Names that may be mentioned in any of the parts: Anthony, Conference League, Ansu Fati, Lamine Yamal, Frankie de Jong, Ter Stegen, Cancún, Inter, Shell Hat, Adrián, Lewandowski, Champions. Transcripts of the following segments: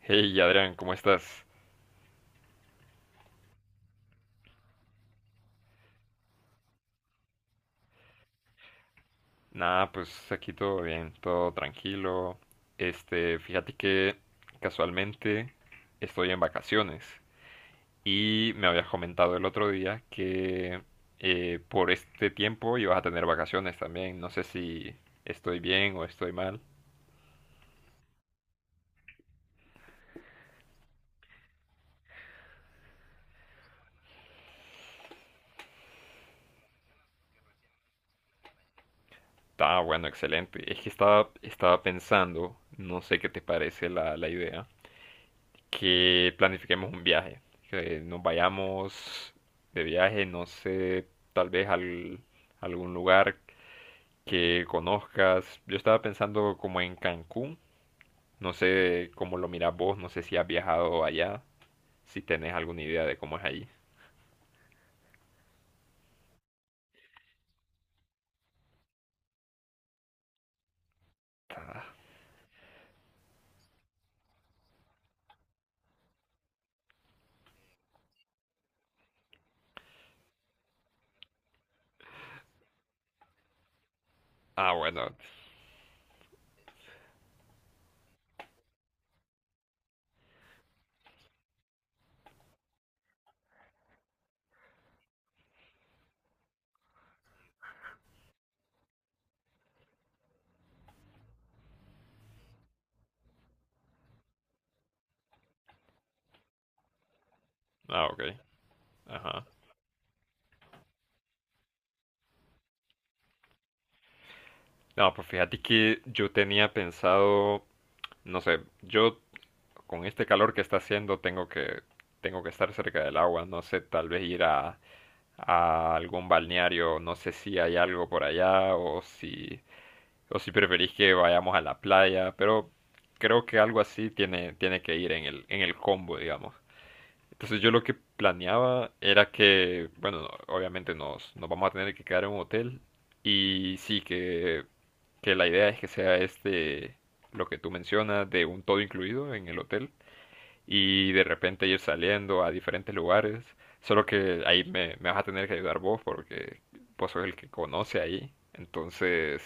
Hey Adrián, ¿cómo estás? Nada, pues aquí todo bien, todo tranquilo. Este, fíjate que casualmente estoy en vacaciones y me habías comentado el otro día que por este tiempo ibas a tener vacaciones también. No sé si estoy bien o estoy mal. Ah, bueno, excelente. Es que estaba pensando, no sé qué te parece la idea. Que planifiquemos un viaje, que nos vayamos de viaje, no sé, tal vez algún lugar que conozcas. Yo estaba pensando como en Cancún, no sé cómo lo miras vos, no sé si has viajado allá, si tenés alguna idea de cómo es allí. Ah, ah, bueno, ah, ok, ajá. No, pues fíjate que yo tenía pensado, no sé, yo con este calor que está haciendo tengo que estar cerca del agua, no sé, tal vez ir a algún balneario, no sé si hay algo por allá o si preferís que vayamos a la playa, pero creo que algo así tiene que ir en en el combo, digamos. Entonces yo lo que planeaba era que, bueno, obviamente nos vamos a tener que quedar en un hotel y sí que la idea es que sea este, lo que tú mencionas, de un todo incluido en el hotel y de repente ir saliendo a diferentes lugares. Solo que ahí me vas a tener que ayudar vos porque vos sos el que conoce ahí. Entonces,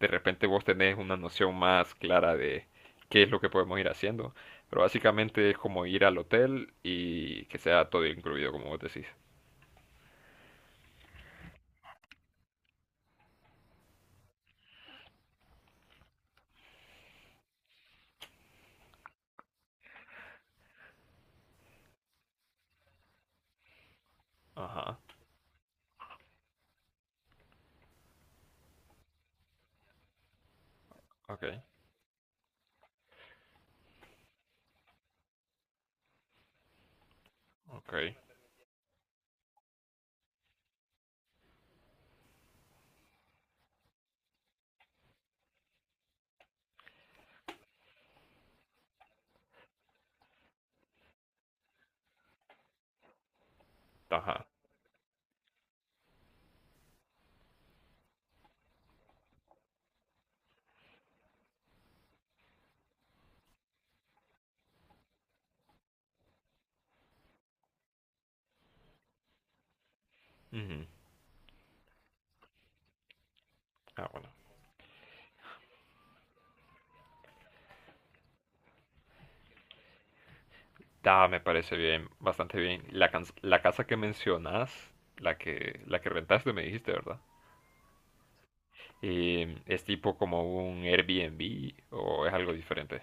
de repente vos tenés una noción más clara de qué es lo que podemos ir haciendo. Pero básicamente es como ir al hotel y que sea todo incluido, como vos decís. Ajá, ok, ok, ajá. Ujú. Ah, bueno. Ah, me parece bien, bastante bien. La casa que mencionás, la que rentaste, me dijiste, ¿verdad? ¿Es tipo como un Airbnb o es algo diferente?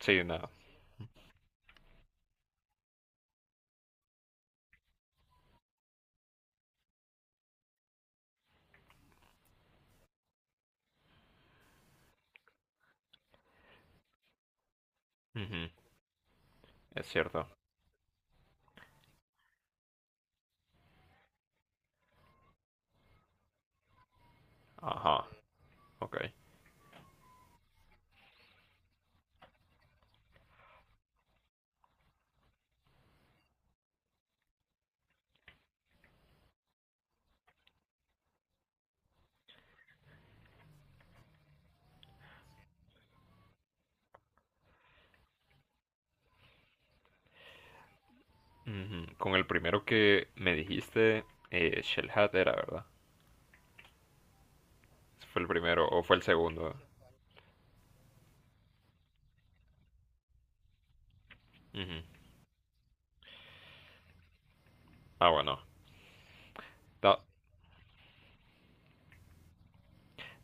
Sí, no. Ujú, es cierto. Ajá, ok. Ujú, con el primero que me dijiste, Shell Hat era, ¿verdad? ¿Fue el primero o fue el segundo? Ujú. Ah, bueno. Da-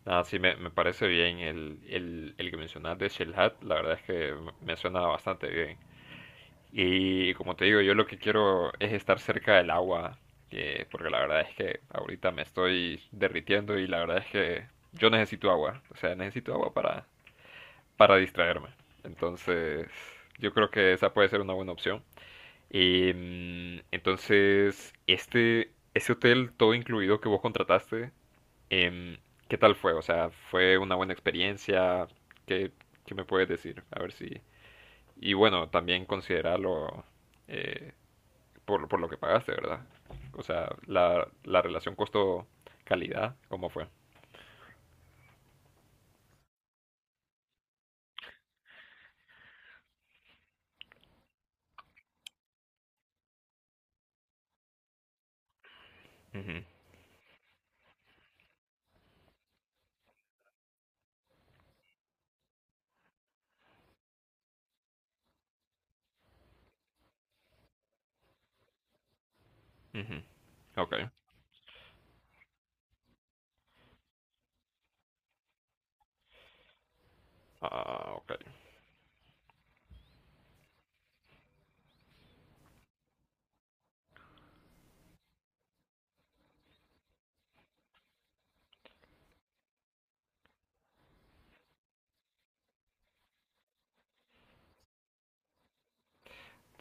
nada, sí, me parece bien el que mencionaste de Shell Hat. La verdad es que me suena bastante bien. Y como te digo, yo lo que quiero es estar cerca del agua, porque la verdad es que ahorita me estoy derritiendo y la verdad es que yo necesito agua, o sea, necesito agua para distraerme. Entonces, yo creo que esa puede ser una buena opción. Y entonces, este, ese hotel todo incluido que vos contrataste, em, ¿qué tal fue? O sea, ¿fue una buena experiencia? ¿Qué, qué me puedes decir? A ver si... Y bueno, también considerarlo eh, por lo que pagaste, ¿verdad? O sea, la relación costo-calidad, ¿cómo fue? Ujú, ujú. Ok. Ah, ok.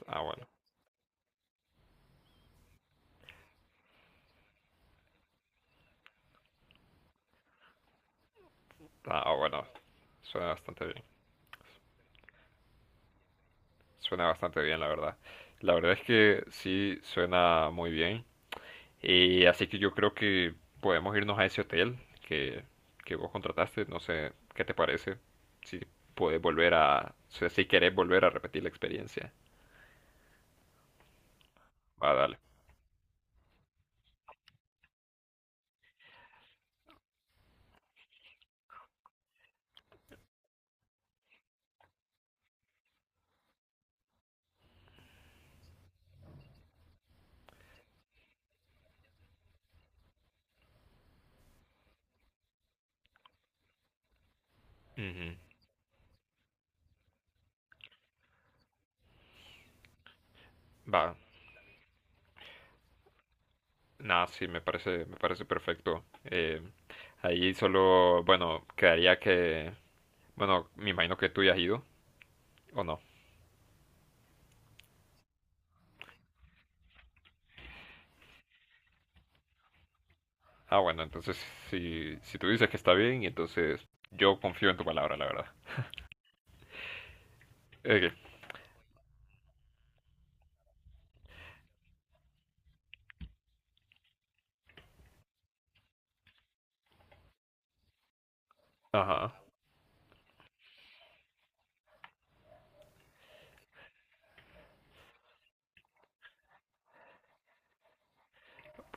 Ah, bueno. Ah, bueno. Suena bastante bien. Suena bastante bien, la verdad. La verdad es que sí suena muy bien. Y así que yo creo que podemos irnos a ese hotel que, que vos contrataste. No sé qué te parece. Si puedes volver a. O sea, si querés volver a repetir la experiencia. Va, dale. Ujú. Va, nah, sí, me parece perfecto. Ahí solo, bueno, quedaría que, bueno, me imagino que tú ya has ido, ¿o no? Ah, bueno, entonces si tú dices que está bien, entonces yo confío en tu palabra, la verdad. Eh, ajá.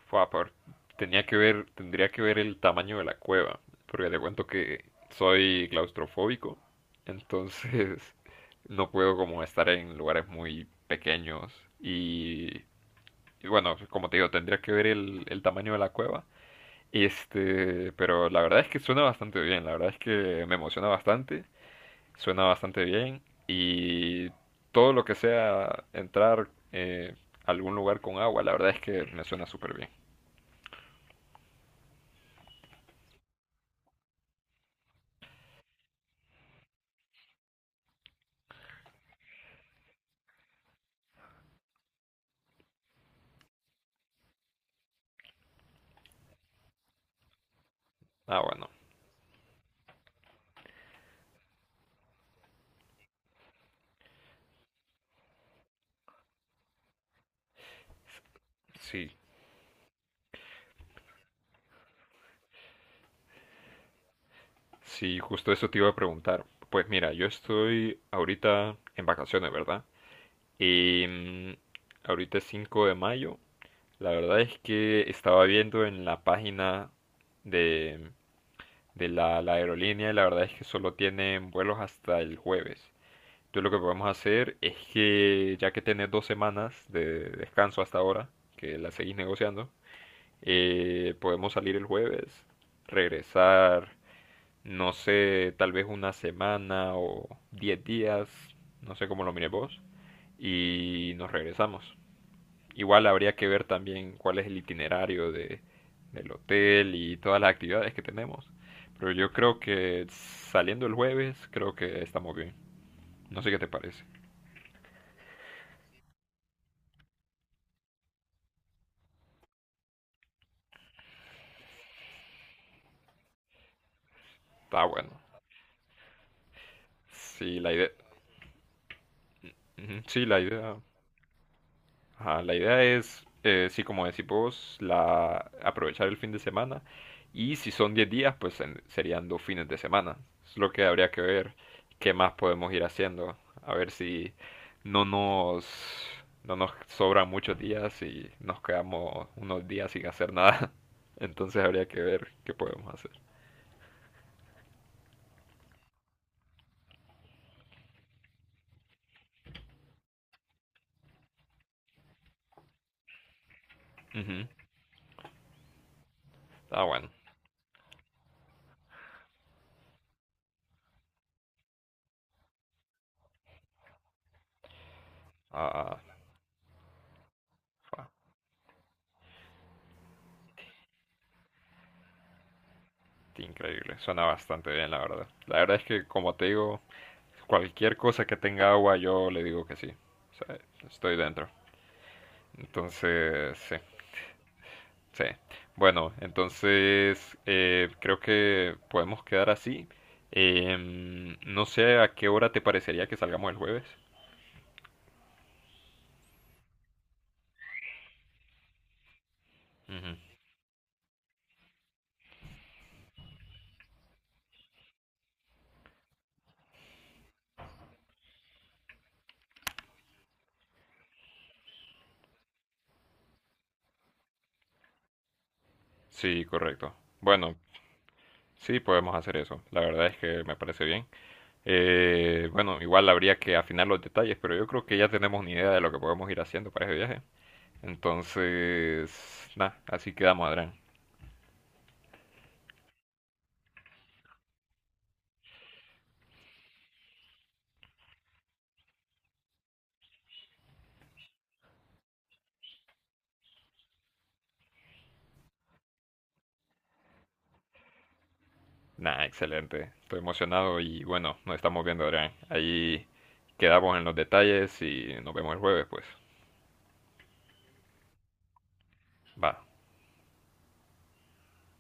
Fua, tendría que ver el tamaño de la cueva, porque te cuento que soy claustrofóbico, entonces no puedo como estar en lugares muy pequeños y Y bueno, como te digo, tendría que ver el tamaño de la cueva. Este, pero la verdad es que suena bastante bien, la verdad es que me emociona bastante, suena bastante bien y todo lo que sea entrar a algún lugar con agua, la verdad es que me suena súper bien. Ah, bueno, sí, sí, justo eso te iba a preguntar. Pues mira, yo estoy ahorita en vacaciones, ¿verdad? Y ahorita es 5 de mayo. La verdad es que estaba viendo en la página de, de la aerolínea y la verdad es que solo tienen vuelos hasta el jueves. Entonces lo que podemos hacer es que ya que tenés 2 semanas de descanso hasta ahora, que la seguís negociando, podemos salir el jueves, regresar, no sé, tal vez una semana o 10 días, no sé cómo lo mires vos, y nos regresamos. Igual habría que ver también cuál es el itinerario del hotel y todas las actividades que tenemos. Pero yo creo que saliendo el jueves, creo que estamos bien. No sé qué te parece. Está bueno. Sí, la idea. Ujú, sí, la idea. Ajá, la idea es, sí, como decís vos, aprovechar el fin de semana. Y si son 10 días, pues serían dos fines de semana. Es lo que habría que ver qué más podemos ir haciendo. A ver si no nos, no nos sobran muchos días y nos quedamos unos días sin hacer nada. Entonces habría que ver qué podemos hacer. Ujú. Ah, bueno. Ah, ah, ah, increíble. Suena bastante bien, la verdad. La verdad es que, como te digo, cualquier cosa que tenga agua, yo le digo que sí. O sea, estoy dentro. Entonces, sí, sí. Bueno, entonces creo que podemos quedar así. No sé a qué hora te parecería que salgamos el jueves. Ujú. Sí, correcto. Bueno, sí, podemos hacer eso. La verdad es que me parece bien. Bueno, igual habría que afinar los detalles, pero yo creo que ya tenemos ni idea de lo que podemos ir haciendo para ese viaje. Entonces, nada, así quedamos, Adrián. Nah, excelente. Estoy emocionado y bueno, nos estamos viendo, Adrián. Ahí quedamos en los detalles y nos vemos el jueves, pues. Va.